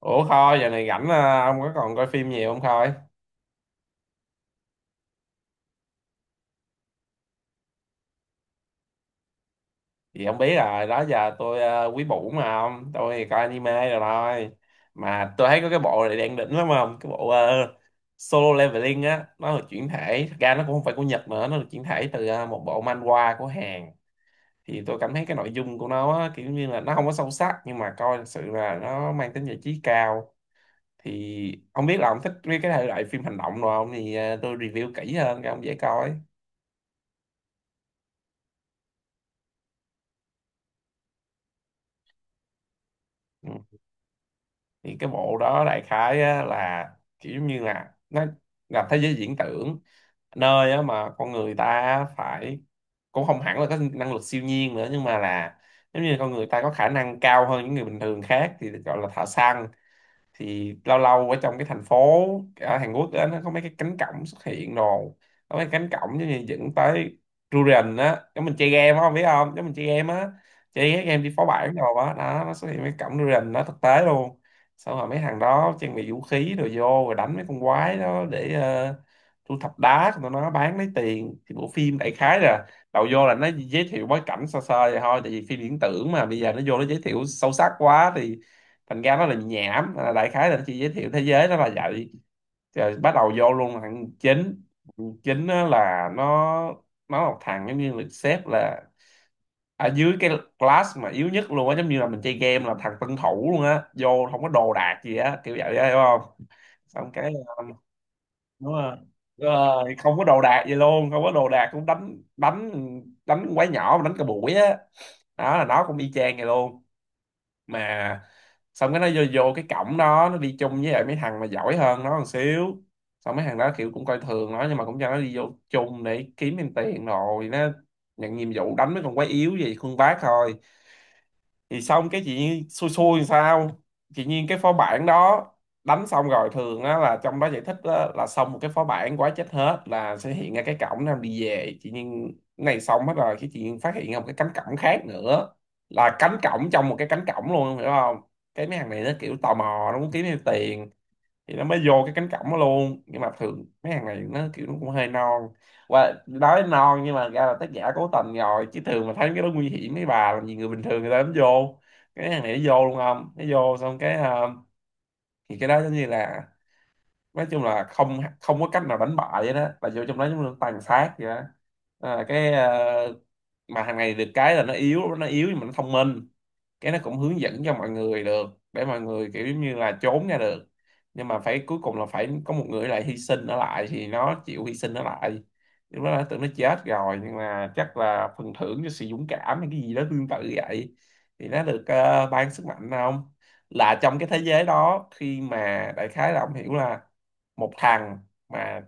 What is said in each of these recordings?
Ủa Khôi, giờ này rảnh à, ông có còn coi phim nhiều không Khôi? Thì ông biết rồi, đó giờ tôi à, quý bủ mà ông, tôi thì coi anime rồi thôi. Mà tôi thấy có cái bộ này đang đỉnh lắm không? Cái bộ Solo Leveling á, nó được chuyển thể, thật ra nó cũng không phải của Nhật nữa, nó được chuyển thể từ một bộ manhwa của Hàn. Thì tôi cảm thấy cái nội dung của nó á, kiểu như là nó không có sâu sắc, nhưng mà coi thật sự là nó mang tính giải trí cao. Thì ông biết là ông thích cái thể loại phim hành động rồi không? Thì tôi review kỹ hơn cho ông dễ coi. Ừ. Thì cái bộ đó đại khái á, là kiểu giống như là nó là thế giới viễn tưởng, nơi á, mà con người ta phải, cũng không hẳn là có năng lực siêu nhiên nữa, nhưng mà là giống như con người ta có khả năng cao hơn những người bình thường khác thì được gọi là thợ săn. Thì lâu lâu ở trong cái thành phố ở Hàn Quốc á, nó có mấy cái cánh cổng xuất hiện, rồi có mấy cánh cổng giống như dẫn tới Durian á, giống mình chơi game á, không biết không, giống mình chơi game á, chơi cái game đi phó bản rồi á đó, nó xuất hiện mấy cổng Durian nó thực tế luôn. Xong rồi mấy thằng đó trang bị vũ khí rồi vô, rồi đánh mấy con quái đó để thu thập đá của tụi nó bán lấy tiền. Thì bộ phim đại khái là đầu vô là nó giới thiệu bối cảnh sơ sơ vậy thôi, tại vì phim viễn tưởng mà bây giờ nó vô nó giới thiệu sâu sắc quá thì thành ra nó là nhảm à, đại khái là nó chỉ giới thiệu thế giới nó là vậy, rồi bắt đầu vô luôn thằng chính. Thằng chính á là nó là một thằng giống như được xếp là ở dưới cái class mà yếu nhất luôn á, giống như là mình chơi game là thằng tân thủ luôn á, vô không có đồ đạc gì á, kiểu vậy á, hiểu không? Xong cái um, đúng rồi. Đúng rồi, không có đồ đạc gì luôn, không có đồ đạc cũng đánh đánh đánh quái nhỏ mà đánh cả buổi á, đó là nó cũng y chang vậy luôn. Mà xong cái nó vô cái cổng đó nó đi chung với lại mấy thằng mà giỏi hơn nó một xíu. Xong mấy thằng đó kiểu cũng coi thường nó nhưng mà cũng cho nó đi vô chung để kiếm thêm tiền, rồi nó nhận nhiệm vụ đánh mấy con quái yếu gì, khuân vác thôi. Thì xong cái chị Nhiên xui xui làm sao, chị Nhiên cái phó bản đó đánh xong rồi thường á, là trong đó giải thích á, là xong một cái phó bản quá, chết hết là sẽ hiện ra cái cổng nam đi về. Chị Nhiên cái này xong hết rồi, cái chị Nhiên phát hiện ra một cái cánh cổng khác nữa, là cánh cổng trong một cái cánh cổng luôn, hiểu không? Cái mấy thằng này nó kiểu tò mò, nó muốn kiếm thêm tiền thì nó mới vô cái cánh cổng đó luôn. Nhưng mà thường mấy hàng này nó kiểu nó cũng hơi non, và nói non nhưng mà ra là tác giả cố tình rồi chứ thường mà thấy cái đó nguy hiểm mấy bà làm gì người bình thường người ta dám vô. Cái hàng này nó vô luôn, không, nó vô xong cái thì cái đó giống như là nói chung là không không có cách nào đánh bại vậy đó, là vô trong đó giống như tàn sát vậy đó. à, cái ờ, mà thằng này được cái là nó yếu, nó yếu nhưng mà nó thông minh, cái nó cũng hướng dẫn cho mọi người được, để mọi người kiểu giống như là trốn ra được. Nhưng mà phải cuối cùng là phải có một người lại hy sinh nó lại, thì nó chịu hy sinh nó lại. Lúc đó nó tưởng nó chết rồi nhưng mà chắc là phần thưởng cho sự dũng cảm hay cái gì đó tương tự vậy, thì nó được ban sức mạnh không. Là trong cái thế giới đó, khi mà đại khái là ông hiểu là một thằng mà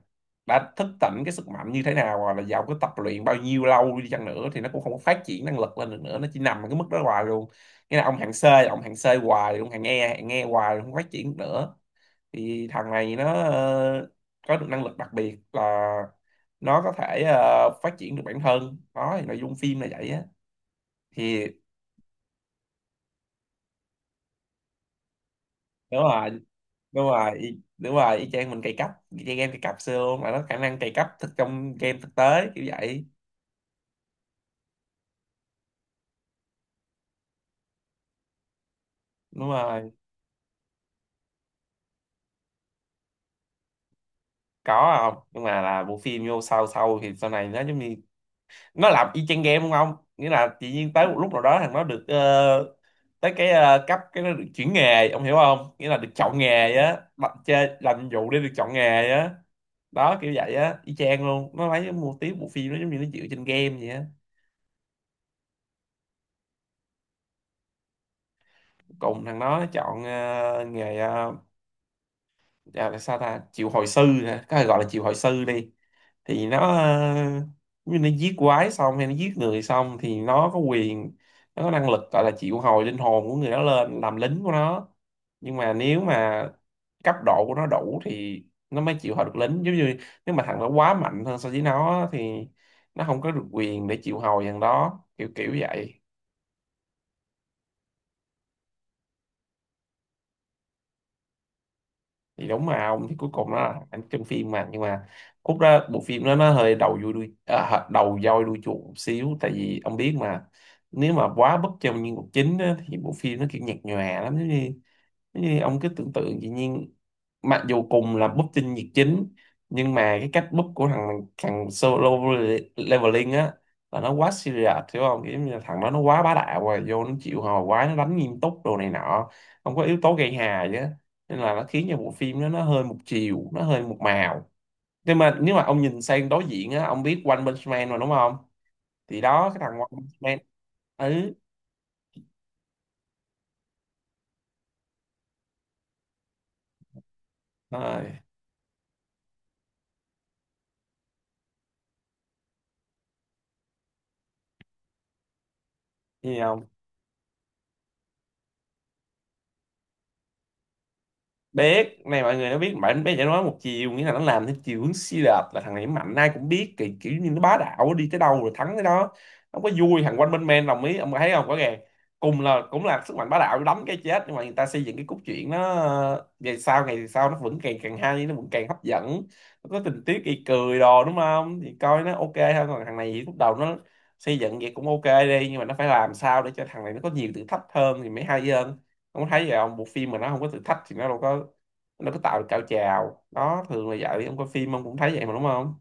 đã thức tỉnh cái sức mạnh như thế nào, hoặc là giàu cái tập luyện bao nhiêu lâu đi chăng nữa thì nó cũng không có phát triển năng lực lên được nữa, nó chỉ nằm ở cái mức đó hoài luôn. Nghĩa là ông hạng C là ông hạng C hoài, ông hạng E hạng E hoài, không phát triển được nữa. Thì thằng này nó có được năng lực đặc biệt là nó có thể phát triển được bản thân, đó thì nội dung phim là vậy á. Thì đúng rồi, đúng rồi, đúng rồi, y chang mình cày cấp, y chang game cày cặp xưa luôn, mà nó khả năng cày cấp thực trong game thực tế kiểu vậy. Đúng rồi. Có không, nhưng mà là bộ phim vô sau sau thì sau này nó giống như nó làm y chang game đúng không, nghĩa là tự nhiên tới một lúc nào đó thằng nó được tới cái cấp, cái nó được chuyển nghề, ông hiểu không, nghĩa là được chọn nghề á, bắt chơi làm nhiệm vụ để được chọn nghề á. Đó kiểu vậy á, y chang luôn, nó lấy cái mô típ bộ phim nó giống như nó dựa trên game vậy á. Cùng thằng nó chọn nghề à, sao ta, triệu hồi sư hả, có thể gọi là triệu hồi sư đi. Thì nó như nó giết quái xong hay nó giết người xong thì nó có quyền, nó có năng lực gọi là triệu hồi linh hồn của người đó lên làm lính của nó. Nhưng mà nếu mà cấp độ của nó đủ thì nó mới chịu hồi được lính, giống như nếu mà thằng đó quá mạnh hơn so với nó thì nó không có được quyền để chịu hồi thằng đó, kiểu kiểu vậy. Thì đúng mà ông, thì cuối cùng nó là ảnh trong phim mà, nhưng mà cút ra bộ phim đó nó hơi đầu voi đuôi chuột một xíu, tại vì ông biết mà, nếu mà quá bất trong nhân vật chính á, thì bộ phim nó kiểu nhạt nhòa lắm, giống như thế thì ông cứ tưởng tượng dĩ nhiên, mặc dù cùng là búp tinh nhiệt chính nhưng mà cái cách búp của thằng thằng solo leveling á là nó quá serious, hiểu không, kiểu như là thằng đó nó quá bá đạo rồi vô nó chịu hò quá, nó đánh nghiêm túc đồ này nọ, không có yếu tố gây hài chứ. Nên là nó khiến cho bộ phim đó nó hơi một chiều, nó hơi một màu. Nhưng mà nếu mà ông nhìn sang đối diện á, ông biết One Punch Man mà đúng không? Thì đó, cái thằng One Punch Man. Ừ. Rồi. Gì? Biết này, mọi người nó biết, bạn bé chỉ nói một chiều, nghĩa là nó làm theo chiều hướng Xi Lạp là thằng này nó mạnh ai cũng biết, kiểu như nó bá đạo đi tới đâu rồi thắng tới đó, không có vui. Thằng quanh bên men đồng ý, ông thấy không rõ ràng, cùng là cũng là sức mạnh bá đạo đấm cái chết, nhưng mà người ta xây dựng cái cốt truyện nó ngày sau nó vẫn càng càng hay, nó vẫn càng hấp dẫn, nó có tình tiết gây cười đồ đúng không, thì coi nó ok hơn. Còn thằng này thì lúc đầu nó xây dựng vậy cũng ok đi, nhưng mà nó phải làm sao để cho thằng này nó có nhiều thử thách hơn thì mới hay hơn. Ông có thấy vậy không, bộ phim mà nó không có thử thách thì nó đâu có, nó có tạo được cao trào đó, thường là vậy, ông coi phim ông cũng thấy vậy mà đúng không?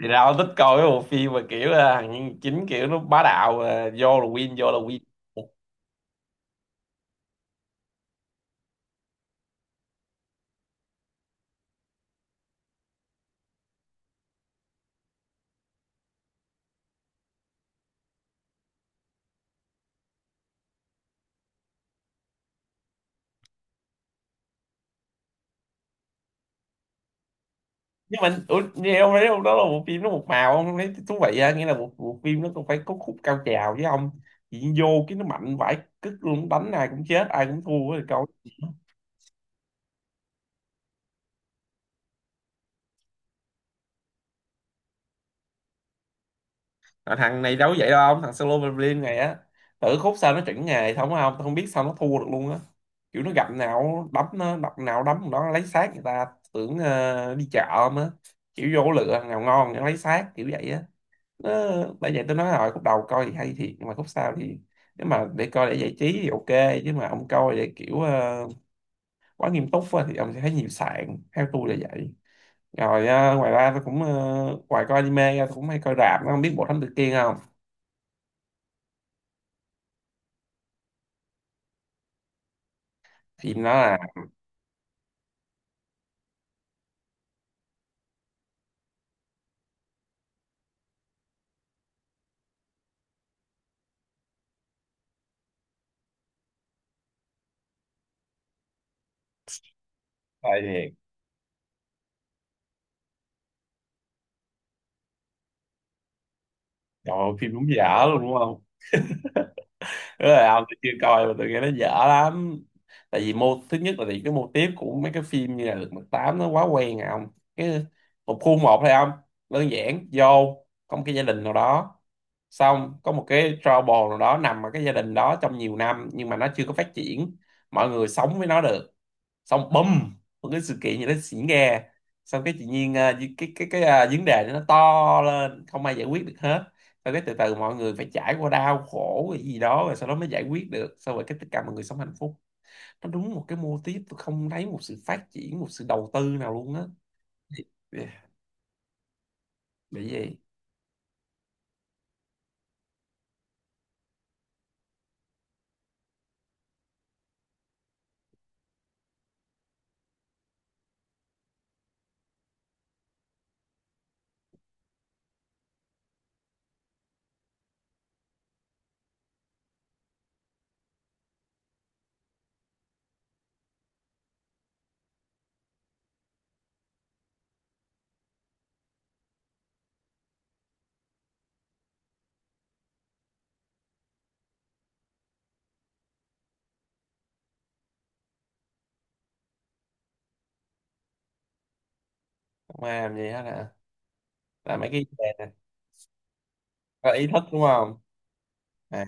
Thì ra ông thích coi cái bộ phim mà kiểu là thằng nhân chính kiểu nó bá đạo à, vô là win, vô là win. Nhưng mà ủa, nghe ông thấy không, đó là bộ phim nó một màu, ông không thấy thú vị á, nghĩa là bộ phim nó cũng phải có khúc cao trào với ông. Chỉ vô cái nó mạnh vãi cứt luôn, đánh ai cũng chết, ai cũng thua thì coi. À, thằng này đâu có vậy đâu ông. Thằng solo Berlin này á, tự khúc sao nó chuẩn nghề, không không tôi không biết sao nó thua được luôn á. Kiểu nó gặp nào đấm, nó đập nào đấm, nó lấy xác người ta, tưởng đi chợ không á. Kiểu vô lựa thằng nào ngon nó lấy xác, kiểu vậy á. Nó, bởi vậy tôi nói rồi, khúc đầu coi thì hay thiệt nhưng mà khúc sau thì, nếu mà để coi để giải trí thì ok, chứ mà ông coi để kiểu quá nghiêm túc á, thì ông sẽ thấy nhiều sạn, theo tôi là vậy. Rồi ngoài ra tôi cũng ngoài coi anime ra tôi cũng hay coi rạp. Nó không biết bộ thánh Tử Kiên không? Phim nó là. Coi thiệt. Trời ơi, phim đúng dở luôn đúng không? Tức là ông, tôi chưa coi mà tôi nghe nó dở lắm. Tại vì mô, thứ nhất là vì cái mô típ của mấy cái phim như là Lật Mặt Tám nó quá quen à ông. Cái, một khuôn một thôi ông. Đơn giản vô có một cái gia đình nào đó. Xong có một cái trouble nào đó nằm ở cái gia đình đó trong nhiều năm nhưng mà nó chưa có phát triển. Mọi người sống với nó được, xong bùm, một cái sự kiện gì đó xỉ nghe, xong cái tự nhiên cái vấn đề nó to lên, không ai giải quyết được hết. Xong cái từ từ mọi người phải trải qua đau khổ cái gì đó, rồi sau đó mới giải quyết được, xong rồi cái tất cả mọi người sống hạnh phúc. Nó đúng một cái mô típ, tôi không thấy một sự phát triển, một sự đầu tư nào luôn á. Yeah. Bị gì? Không ai làm gì hết à? Là mấy cái đề này. Có ý thức đúng không? À,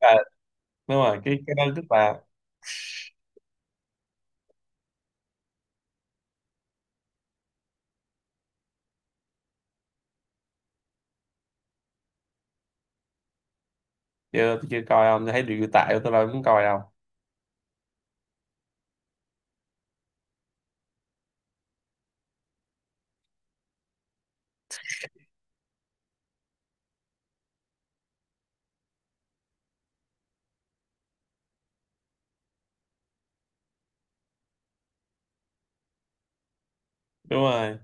à đúng rồi, cái đó tức là. Chưa, tôi chưa coi, không tôi thấy review tại tôi đâu muốn coi đâu. Đúng rồi.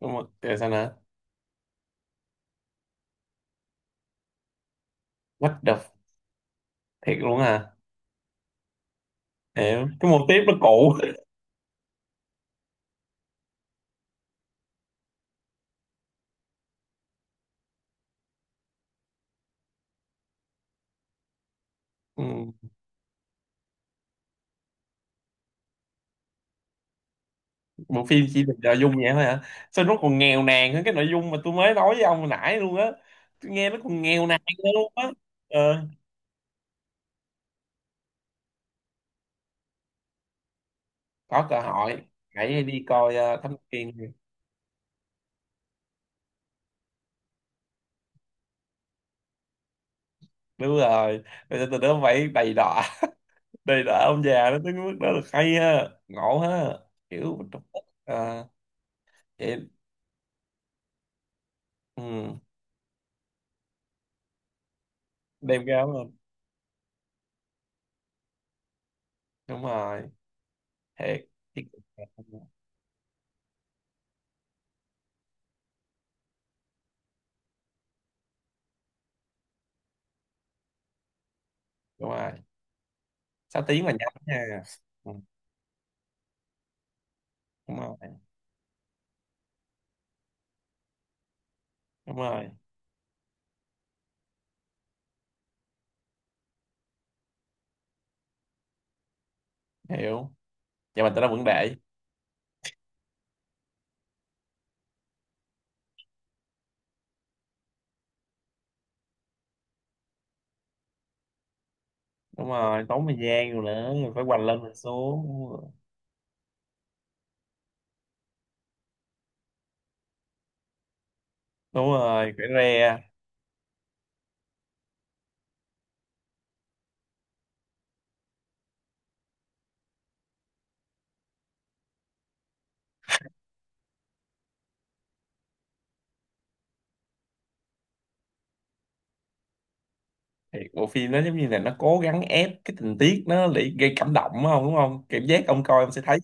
Đúng rồi, rồi sao nữa? What the. Thiệt luôn à? Hiểu, cái mô típ nó cũ. Ừ. Bộ phim chỉ được nội dung vậy thôi hả? Sao nó còn nghèo nàn hơn cái nội dung mà tôi mới nói với ông hồi nãy luôn á, tôi nghe nó còn nghèo nàn nữa luôn á. Ờ, có cơ hội hãy đi coi Thám Kiên đi. Đúng rồi, bây giờ từ đó phải đầy đọa. Đầy đọa ông già đó tới cái mức đó là hay ha, ngộ ha, kiểu mình trục tức. Ờ, vậy. Ừ. Đem ra không? Đúng rồi. Thiệt. Đúng rồi, sáu tiếng là nhanh nha. Ừ, đúng rồi. Đúng rồi. Hiểu. Vậy mà tao nó vẫn để. Đúng rồi, tốn thời gian rồi nữa, rồi phải quành lên quành xuống, đúng rồi. Đúng rồi, phải re. Thì bộ phim nó giống như là nó cố gắng ép cái tình tiết nó để gây cảm động, đúng không? Đúng không, cảm giác ông coi ông sẽ thấy.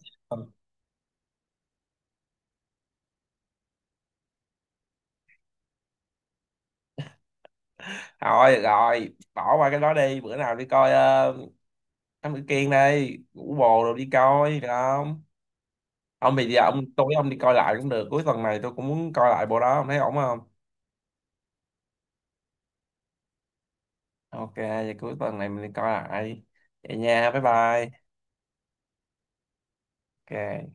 Rồi rồi, bỏ qua cái đó đi, bữa nào đi coi. Uh, Thám Tử Kiên đây, ngủ bồ rồi đi coi được không? Ông thì giờ ông tối ông đi coi lại cũng được, cuối tuần này tôi cũng muốn coi lại bộ đó, ông thấy ổn không? Ok, vậy cuối tuần này mình đi coi lại. Vậy nha, bye bye. Ok.